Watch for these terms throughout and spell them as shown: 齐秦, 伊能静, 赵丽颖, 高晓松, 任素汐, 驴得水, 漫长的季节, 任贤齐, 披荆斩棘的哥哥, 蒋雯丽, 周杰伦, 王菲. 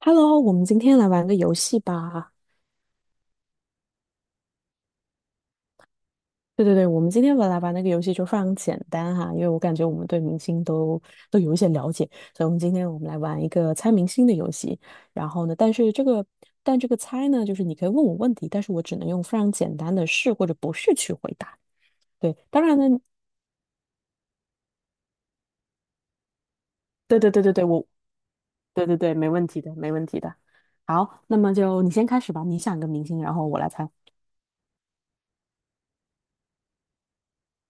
Hello，我们今天来玩个游戏吧。对对对，我们今天来玩那个游戏就非常简单哈，因为我感觉我们对明星都有一些了解，所以我们今天来玩一个猜明星的游戏。然后呢，但这个猜呢，就是你可以问我问题，但是我只能用非常简单的是或者不是去回答。对，当然呢，对对对对对，对对对，没问题的，没问题的。好，那么就你先开始吧，你想一个明星，然后我来猜。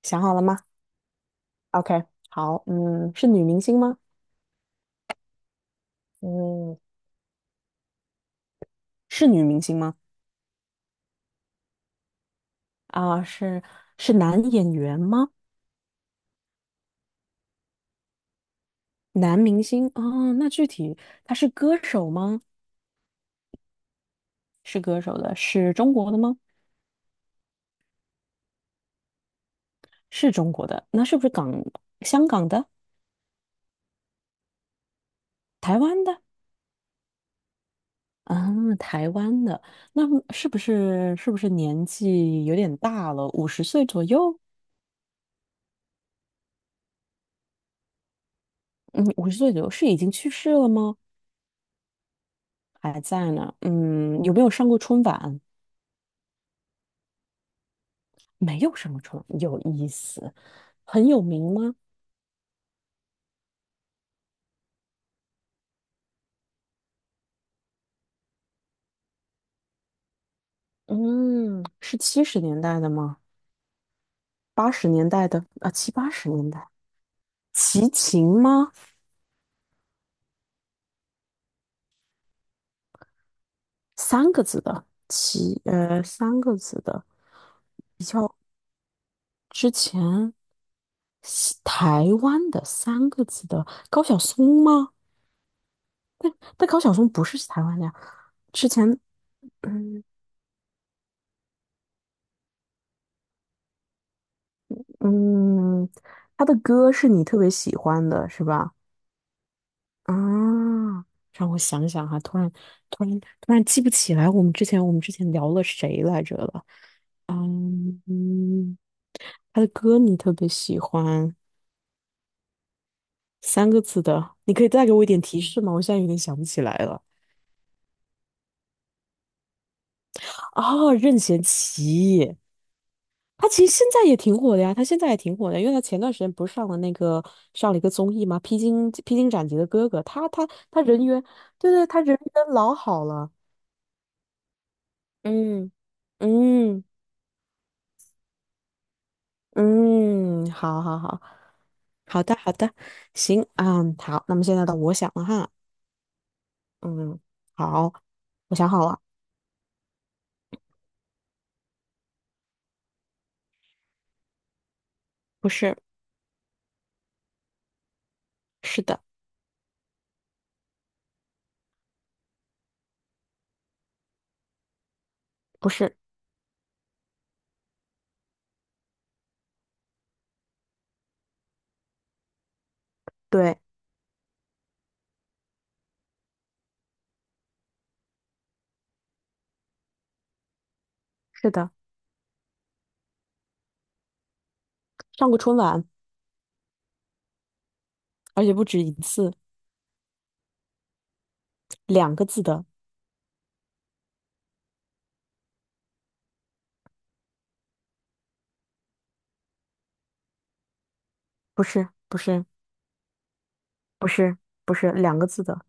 想好了吗？OK，好，嗯，是女明星吗？嗯，是女明星吗？啊，是男演员吗？男明星哦，那具体他是歌手吗？是歌手的，是中国的吗？是中国的，那是不是港、香港的、台湾的？啊，台湾的，那么是不是年纪有点大了？五十岁左右？嗯，五十岁左右是已经去世了吗？还在呢？嗯，有没有上过春晚？没有上过春晚，有意思。很有名吗？嗯，是70年代的吗？八十年代的啊，七八十年代，齐秦吗？三个字的齐，三个字的比较之前西台湾的三个字的高晓松吗？但高晓松不是台湾的呀。之前，嗯嗯，他的歌是你特别喜欢的，是吧？啊，让我想想哈、突然记不起来，我们之前聊了谁来着了？嗯嗯，他的歌你特别喜欢，三个字的，你可以再给我一点提示吗？我现在有点想不起来了。哦，任贤齐，他其实现在也挺火的呀，他现在也挺火的，因为他前段时间不是上了一个综艺吗？披荆斩棘的哥哥，他人缘，对对，他人缘老好了。嗯嗯嗯，好好好，好的好的，行啊，嗯，好，那么现在到我想了哈。嗯，好，我想好了，不是，是的，不是，对，是的，上过春晚，而且不止一次，两个字的，不是，不是，不是，不是两个字的，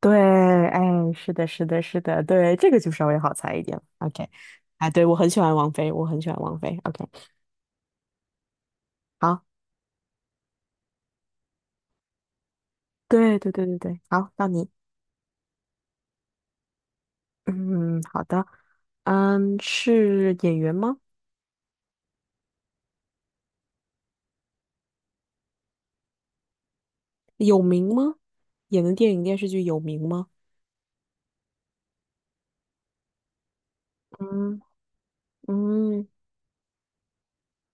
对，哎，是的，是的，是的，对，这个就稍微好猜一点，OK，哎，对，我很喜欢王菲，我很喜欢王菲，OK，好，对，对，对，对，对，好，到你，嗯，好的，嗯，是演员吗？有名吗？演的电影电视剧有名吗？嗯嗯。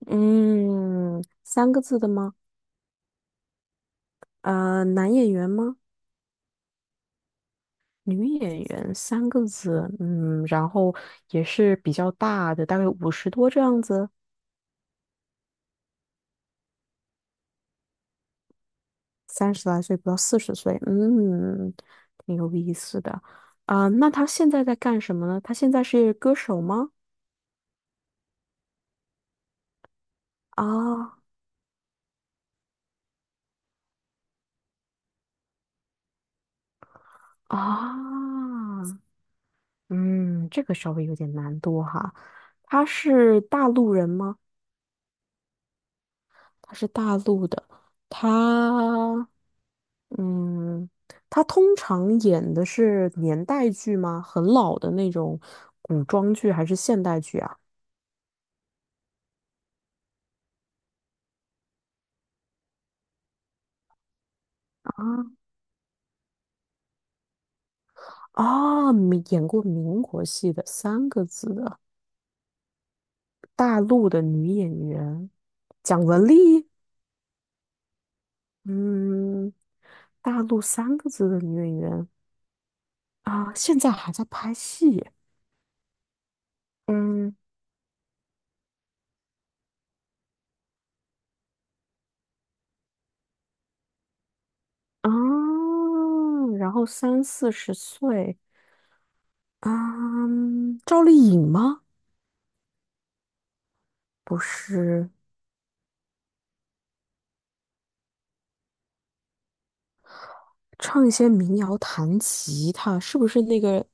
嗯，三个字的吗？男演员吗？女演员，三个字。嗯，然后也是比较大的，大概50多这样子，30来岁不到四十岁。嗯，挺有意思的。啊、那他现在在干什么呢？他现在是歌手吗？啊啊，嗯，这个稍微有点难度哈。他是大陆人吗？她是大陆的，她，嗯，她通常演的是年代剧吗？很老的那种古装剧还是现代剧啊？啊，啊，民演过民国戏的三个字的大陆的女演员，蒋雯丽。嗯，大陆三个字的女演员啊，现在还在拍戏。嗯啊，然后三四十岁。啊，赵丽颖吗？不是，唱一些民谣、弹吉他，是不是那个？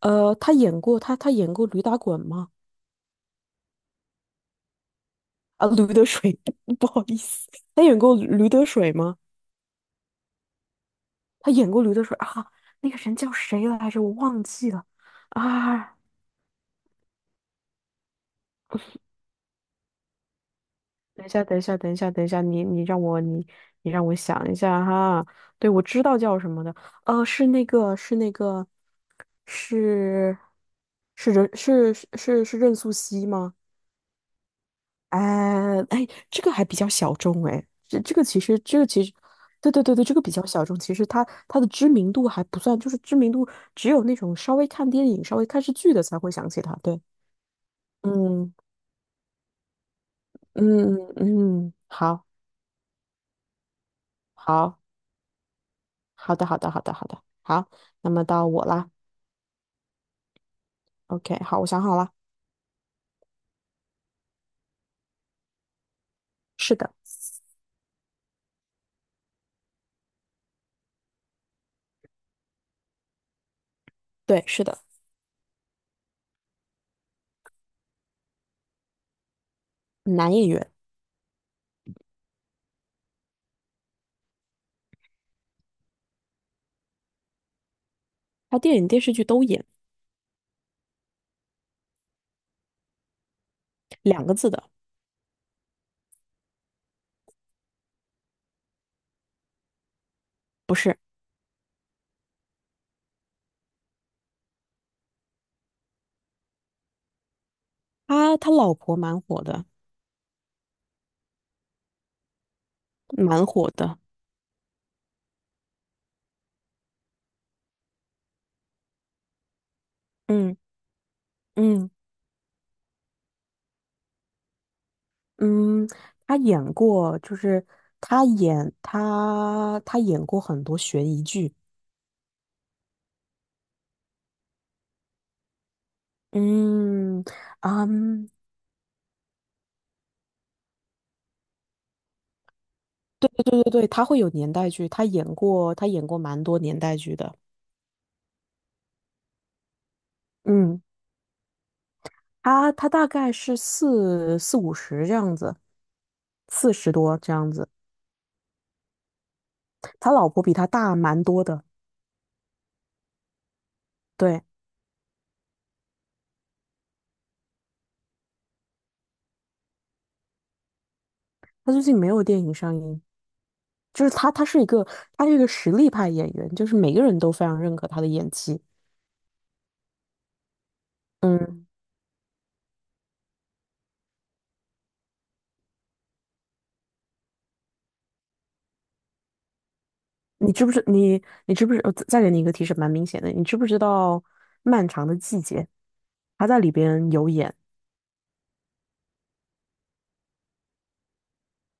她演过，她演过驴打滚吗？啊，驴得水，不好意思，她演过驴得水吗？她演过驴得水啊，那个人叫谁来着？我忘记了啊。等一下，等一下，等一下，等一下，你让我想一下哈。对，我知道叫什么的，呃，是那个是那个是是任是是是是任素汐吗？哎哎，这个还比较小众哎，这这个其实这个其实，对对对对，这个比较小众，其实它的知名度还不算，就是知名度只有那种稍微看电影、稍微看视剧的才会想起他，对，嗯嗯嗯，嗯好，好。好的，好的，好的，好的，好，那么到我啦。OK，好，我想好了，是的，对，是的，男演员，他电影电视剧都演，两个字的，不是，他老婆蛮火的，蛮火的，嗯嗯嗯，他演过，就是他演过很多悬疑剧，嗯啊，嗯对对对，他会有年代剧，他演过蛮多年代剧的，嗯。他大概是四五十这样子，40多这样子。他老婆比他大蛮多的，对，他最近没有电影上映，就是他，他是一个，他是一个实力派演员，就是每个人都非常认可他的演技。嗯，你知不知你你知不知？再给你一个提示，蛮明显的，你知不知道《漫长的季节》？他在里边有演，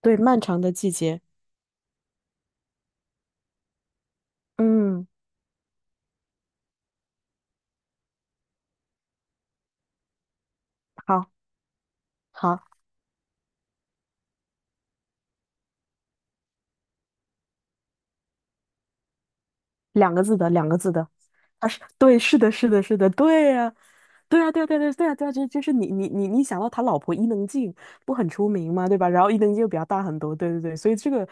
对，《漫长的季节》。嗯，好好。两个字的，两个字的。啊，是，对，是的，是的，是的，对呀、对呀，对呀，对啊，对啊，对呀，对啊，这是你想到他老婆伊能静不很出名吗？对吧？然后伊能静又比较大很多，对对对，所以这个，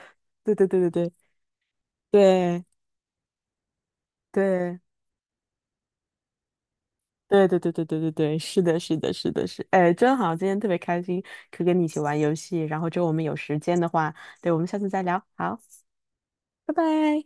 对对对对对对对对对对对对对对，是的，是的，是的，是，哎，真好，今天特别开心，可以跟你一起玩游戏，然后之后我们有时间的话，对，我们下次再聊，好，拜拜。